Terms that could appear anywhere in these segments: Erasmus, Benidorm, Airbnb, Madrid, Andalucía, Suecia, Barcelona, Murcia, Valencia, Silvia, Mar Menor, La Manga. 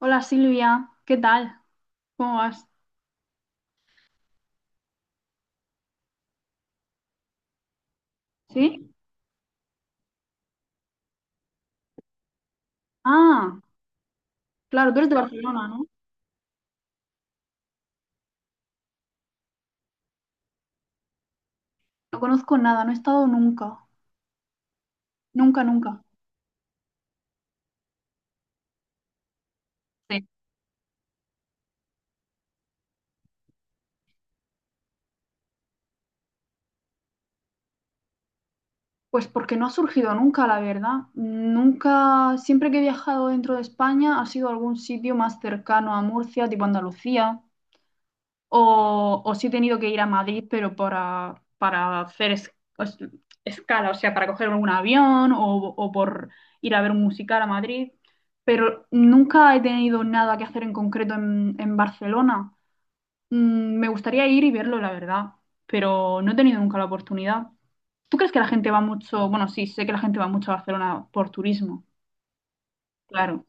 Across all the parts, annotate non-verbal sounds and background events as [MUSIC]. Hola Silvia, ¿qué tal? ¿Cómo vas? ¿Sí? Ah, claro, tú eres de Barcelona, ¿no? No conozco nada, no he estado nunca, nunca, nunca. Sí. Pues porque no ha surgido nunca, la verdad. Nunca, siempre que he viajado dentro de España ha sido algún sitio más cercano a Murcia, tipo Andalucía. O, o sí he tenido que ir a Madrid, pero para hacer es- escala, o sea, para coger un avión o por ir a ver un musical a Madrid, pero nunca he tenido nada que hacer en concreto en Barcelona. Mm, me gustaría ir y verlo, la verdad, pero no he tenido nunca la oportunidad. ¿Tú crees que la gente va mucho? Bueno, sí, sé que la gente va mucho a Barcelona por turismo, claro.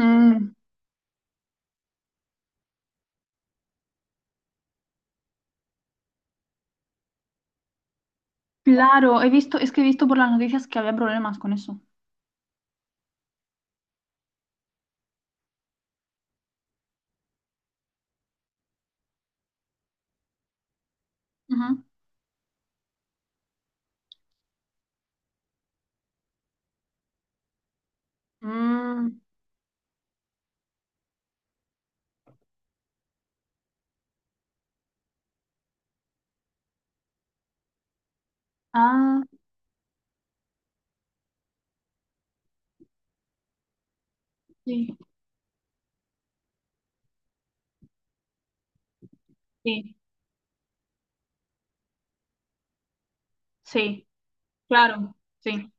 Mm, claro, he visto, es que he visto por las noticias que había problemas con eso. Ujú. Ah, Sí, sí, sí, claro, sí,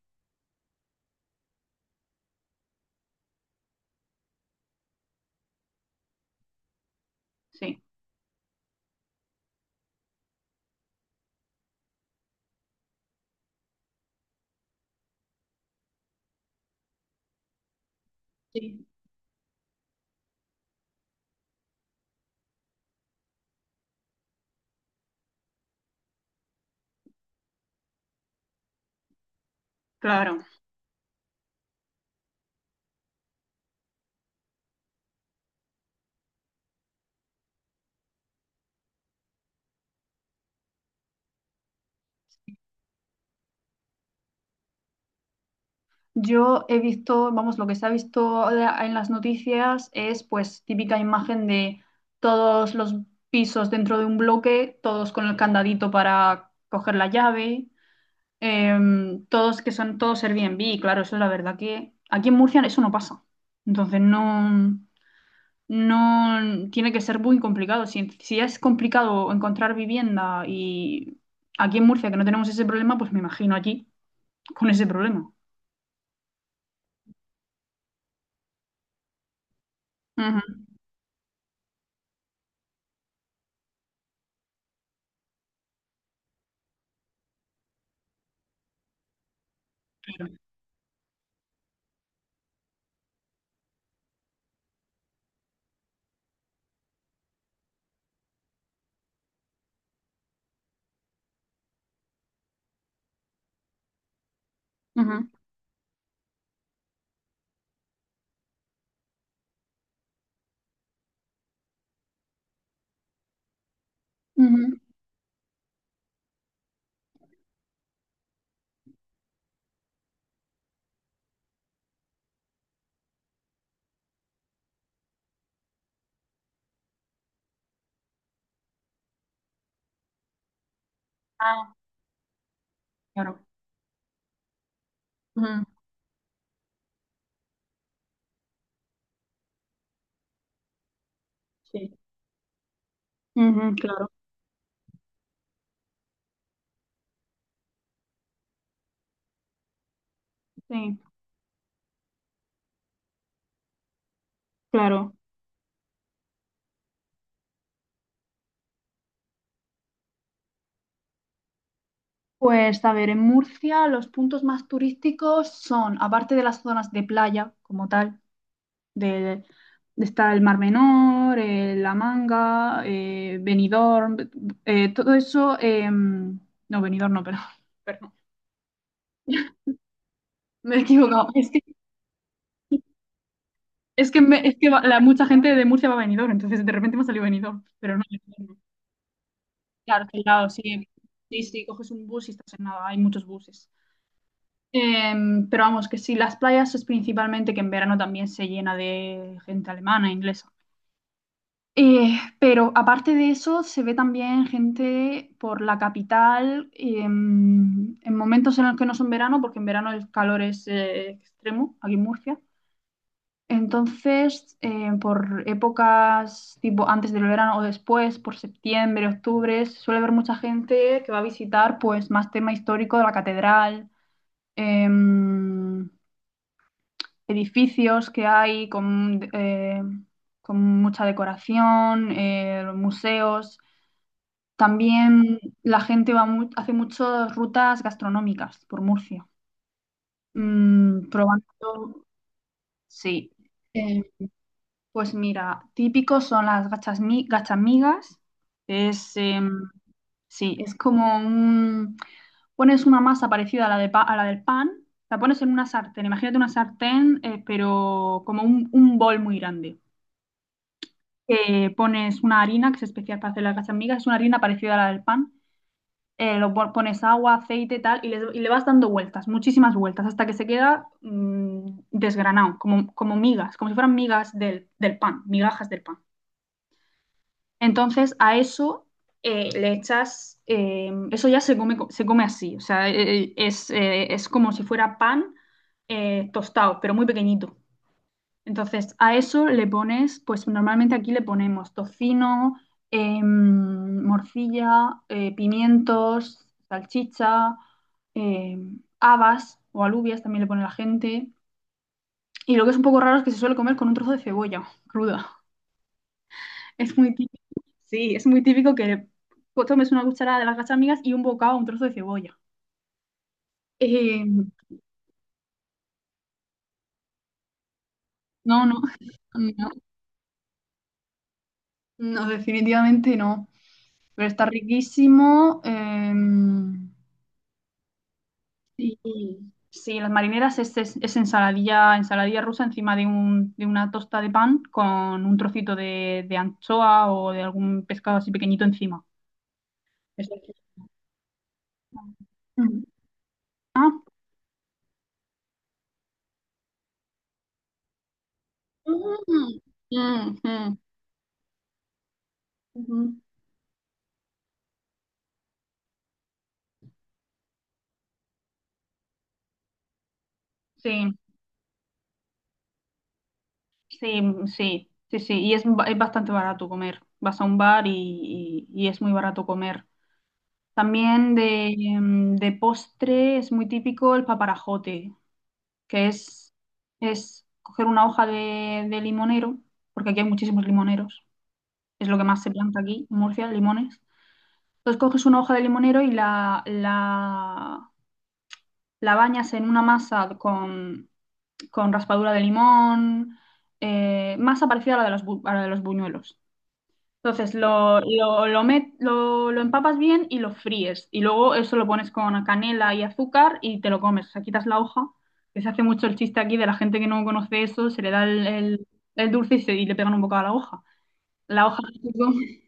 sí, sí, claro. Yo he visto, vamos, lo que se ha visto en las noticias es pues típica imagen de todos los pisos dentro de un bloque, todos con el candadito para coger la llave, todos que son todos Airbnb, claro, eso es la verdad que aquí en Murcia eso no pasa. Entonces no. No tiene que ser muy complicado. Si, si es complicado encontrar vivienda y aquí en Murcia que no tenemos ese problema, pues me imagino allí con ese problema. Ujú, claro. Ujú, ujú. Ah, claro. Ujú, sí. Ujú, claro. Sí, claro. Pues a ver, en Murcia los puntos más turísticos son, aparte de las zonas de playa como tal, del- está el Mar Menor, La Manga, Benidorm, todo eso, no, Benidorm no, pero, [LAUGHS] perdón, me he equivocado. Es que, me- es que va- la, Mucha gente de Murcia va a Benidorm, entonces de repente me ha salido Benidorm, pero no. Benidorm no. Claro, que al lado, sí, sí, sí, coges un bus y estás en nada, hay muchos buses. Pero vamos, que sí, las playas es principalmente que en verano también se llena de gente alemana, inglesa. Pero aparte de eso, se ve también gente por la capital en momentos en los que no son verano, porque en verano el calor es extremo aquí en Murcia. Entonces, por épocas tipo antes del verano o después, por septiembre, octubre, suele haber mucha gente que va a visitar pues más tema histórico de la catedral, em, edificios que hay con mucha decoración, museos. También la gente hace muchas rutas gastronómicas por Murcia. Mm, probando, sí. Eh, pues mira, típicos son las gachas, gachamigas. Es, em, sí, es como un... Pones una masa parecida a la, a la del pan, la pones en una sartén. Imagínate una sartén, pero como un bol muy grande. Pones una harina que es especial para hacer las gachas migas es una harina parecida a la del pan. Pones agua, aceite, tal, y le vas dando vueltas, muchísimas vueltas, hasta que se queda desgranado, como, como migas, como si fueran migas del, del pan, migajas del pan. Entonces a eso le echas, eso ya se come, se come así, o sea, es como si fuera pan tostado, pero muy pequeñito. Entonces, a eso le pones, pues normalmente aquí le ponemos tocino, morcilla, pimientos, salchicha, habas o alubias también le pone la gente. Y lo que es un poco raro es que se suele comer con un trozo de cebolla cruda. [LAUGHS] Es muy típico, sí, es muy típico que tomes una cucharada de las gachamigas y un bocado, un trozo de cebolla. Em, no, no, [LAUGHS] no, no, definitivamente no. Pero está riquísimo. Sí, sí, las marineras es, es ensaladilla, ensaladilla rusa encima de, un, de una tosta de pan con un trocito de anchoa o de algún pescado así pequeñito encima. Eso es. Mm. Ah. Mm, mm, mm, ujú. Sí, sí, sí, sí, sí. Y es, es bastante barato comer. Vas a un bar y, y es muy barato comer. También de, de postre es muy típico el paparajote. Que es coger una hoja de limonero, porque aquí hay muchísimos limoneros, es lo que más se planta aquí, en Murcia, limones. Entonces coges una hoja de limonero y la bañas en una masa con raspadura de limón, masa parecida a la de los, a la de los buñuelos. Entonces lo empapas bien y lo fríes. Y luego eso lo pones con canela y azúcar y te lo comes. O sea, quitas la hoja, que se hace mucho el chiste aquí de la gente que no conoce eso, se le da el dulce y, y le pegan un bocado a la hoja. La hoja se come.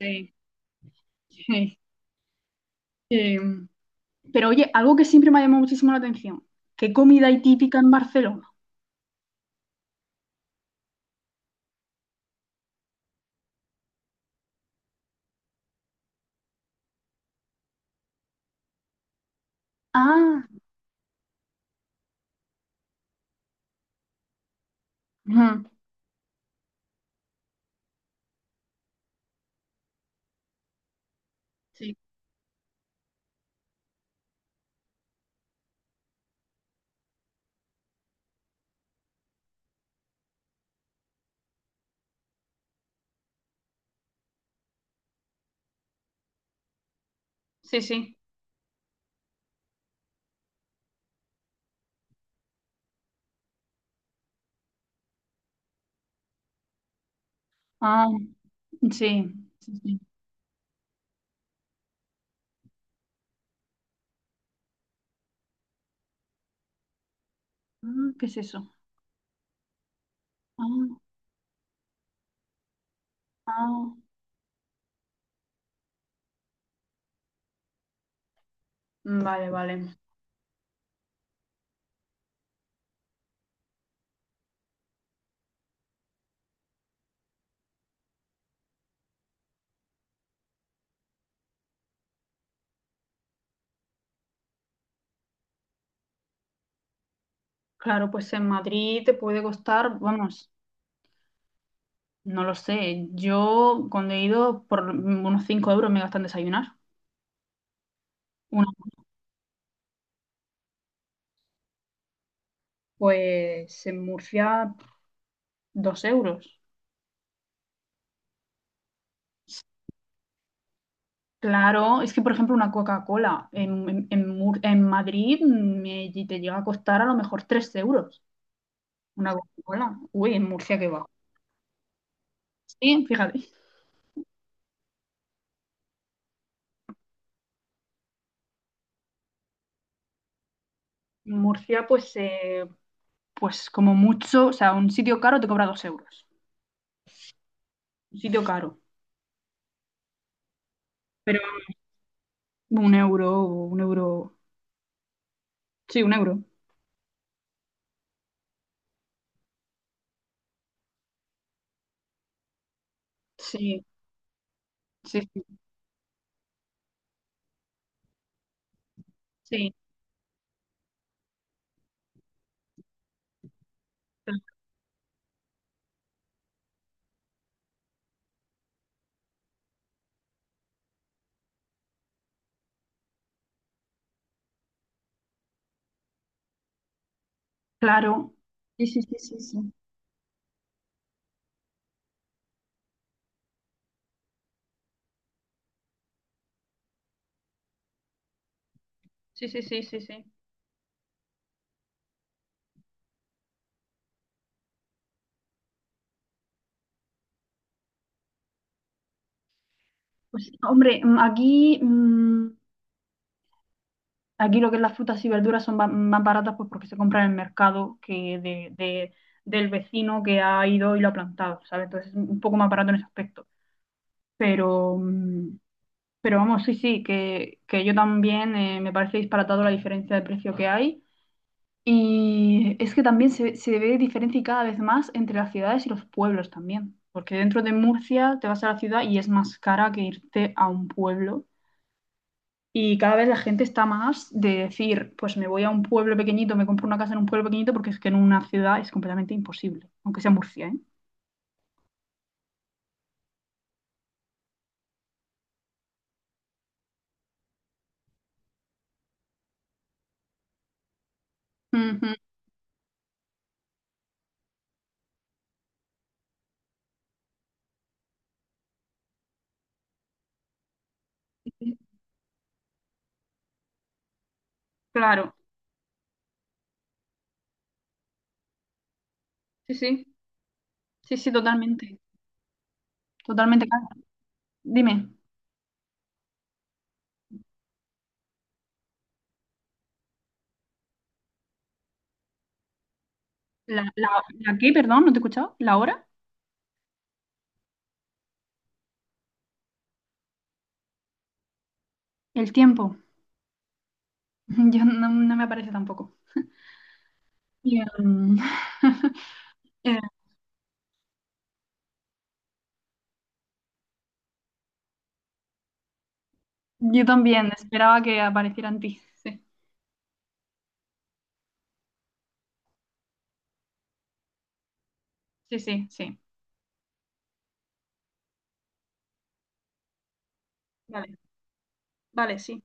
Sí, sí, sí. Pero oye, algo que siempre me ha llamado muchísimo la atención. ¿Qué comida hay típica en Barcelona? Ah, ujú. Sí, sí, sí. Ah, sí, sí, sí. Ah, ¿qué es eso? Ah, ah. Vale, vale. Claro, pues en Madrid te puede costar, vamos, no lo sé. Yo cuando he ido por unos 5 euros me gastan desayunar. Una, pues en Murcia, 2 euros. Claro, es que por ejemplo una Coca-Cola en en Madrid me, te llega a costar a lo mejor 3 euros. Una Coca-Cola. Uy, en Murcia qué va. Sí, fíjate. En Murcia pues, pues como mucho, o sea, un sitio caro te cobra 2 euros. Un sitio caro. Pero un euro, 1 euro. Sí, 1 euro. Sí, sí, sí, sí. Claro. Sí, sí, sí, sí, sí. Sí, sí, sí, sí, sí. Pues, hombre, aquí, aquí lo que es las frutas y verduras son más baratas pues porque se compran en el mercado del vecino que ha ido y lo ha plantado, ¿sabes? Entonces es un poco más barato en ese aspecto. Pero, pero vamos, sí, sí, que yo también me parece disparatado la diferencia de precio que hay. Y es que también se ve diferencia cada vez más entre las ciudades y los pueblos también, porque dentro de Murcia te vas a la ciudad y es más cara que irte a un pueblo. Y cada vez la gente está más de decir, pues me voy a un pueblo pequeñito, me compro una casa en un pueblo pequeñito, porque es que en una ciudad es completamente imposible, aunque sea Murcia, ¿eh? Ujú. Claro, sí, sí, sí, sí, totalmente, totalmente. Claro. Dime, ¿la, la, la qué, perdón, no te he escuchado? ¿La hora? ¿El tiempo? [LAUGHS] Yo no, no me aparece tampoco. Y, [LAUGHS] eh, yo también esperaba que aparecieran ti. Sí, sí, sí, sí. Vale, vale, sí.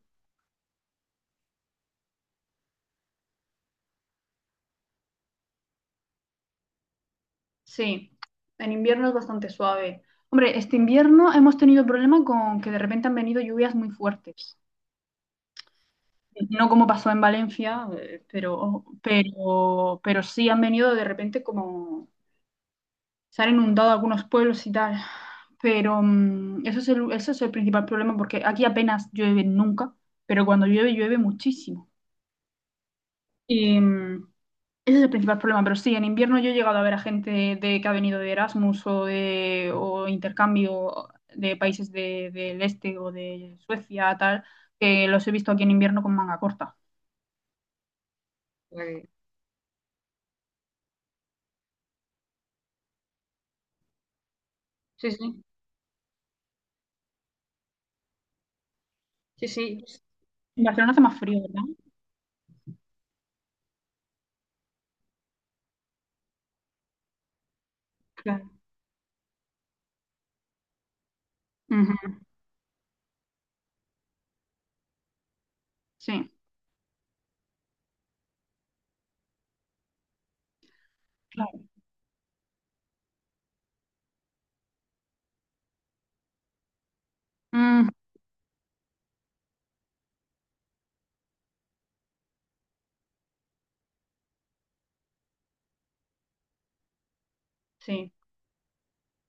Sí, en invierno es bastante suave. Hombre, este invierno hemos tenido problema con que de repente han venido lluvias muy fuertes. No como pasó en Valencia, pero sí han venido de repente como se han inundado algunos pueblos y tal. Pero eso es el principal problema porque aquí apenas llueve nunca, pero cuando llueve, llueve muchísimo. Y ese es el principal problema, pero sí, en invierno yo he llegado a ver a gente de, que ha venido de Erasmus o de o intercambio de países del este o de Suecia, tal, que los he visto aquí en invierno con manga corta. Vale. Sí, sí, sí, sí. En Barcelona hace más frío, ¿verdad? Claro. Ujú, sí, claro. Mm, sí.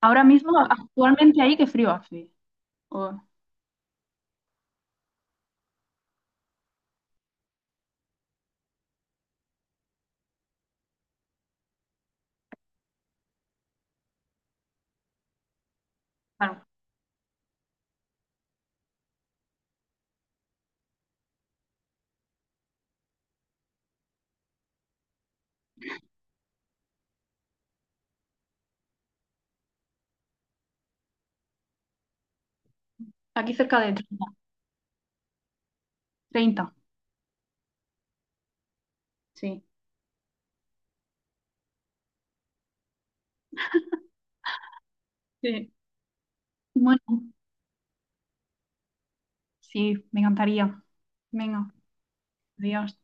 Ahora mismo, actualmente ahí, qué frío hace. O- claro, aquí cerca de treinta sí. Sí. Bueno, sí, me encantaría. Venga. Adiós.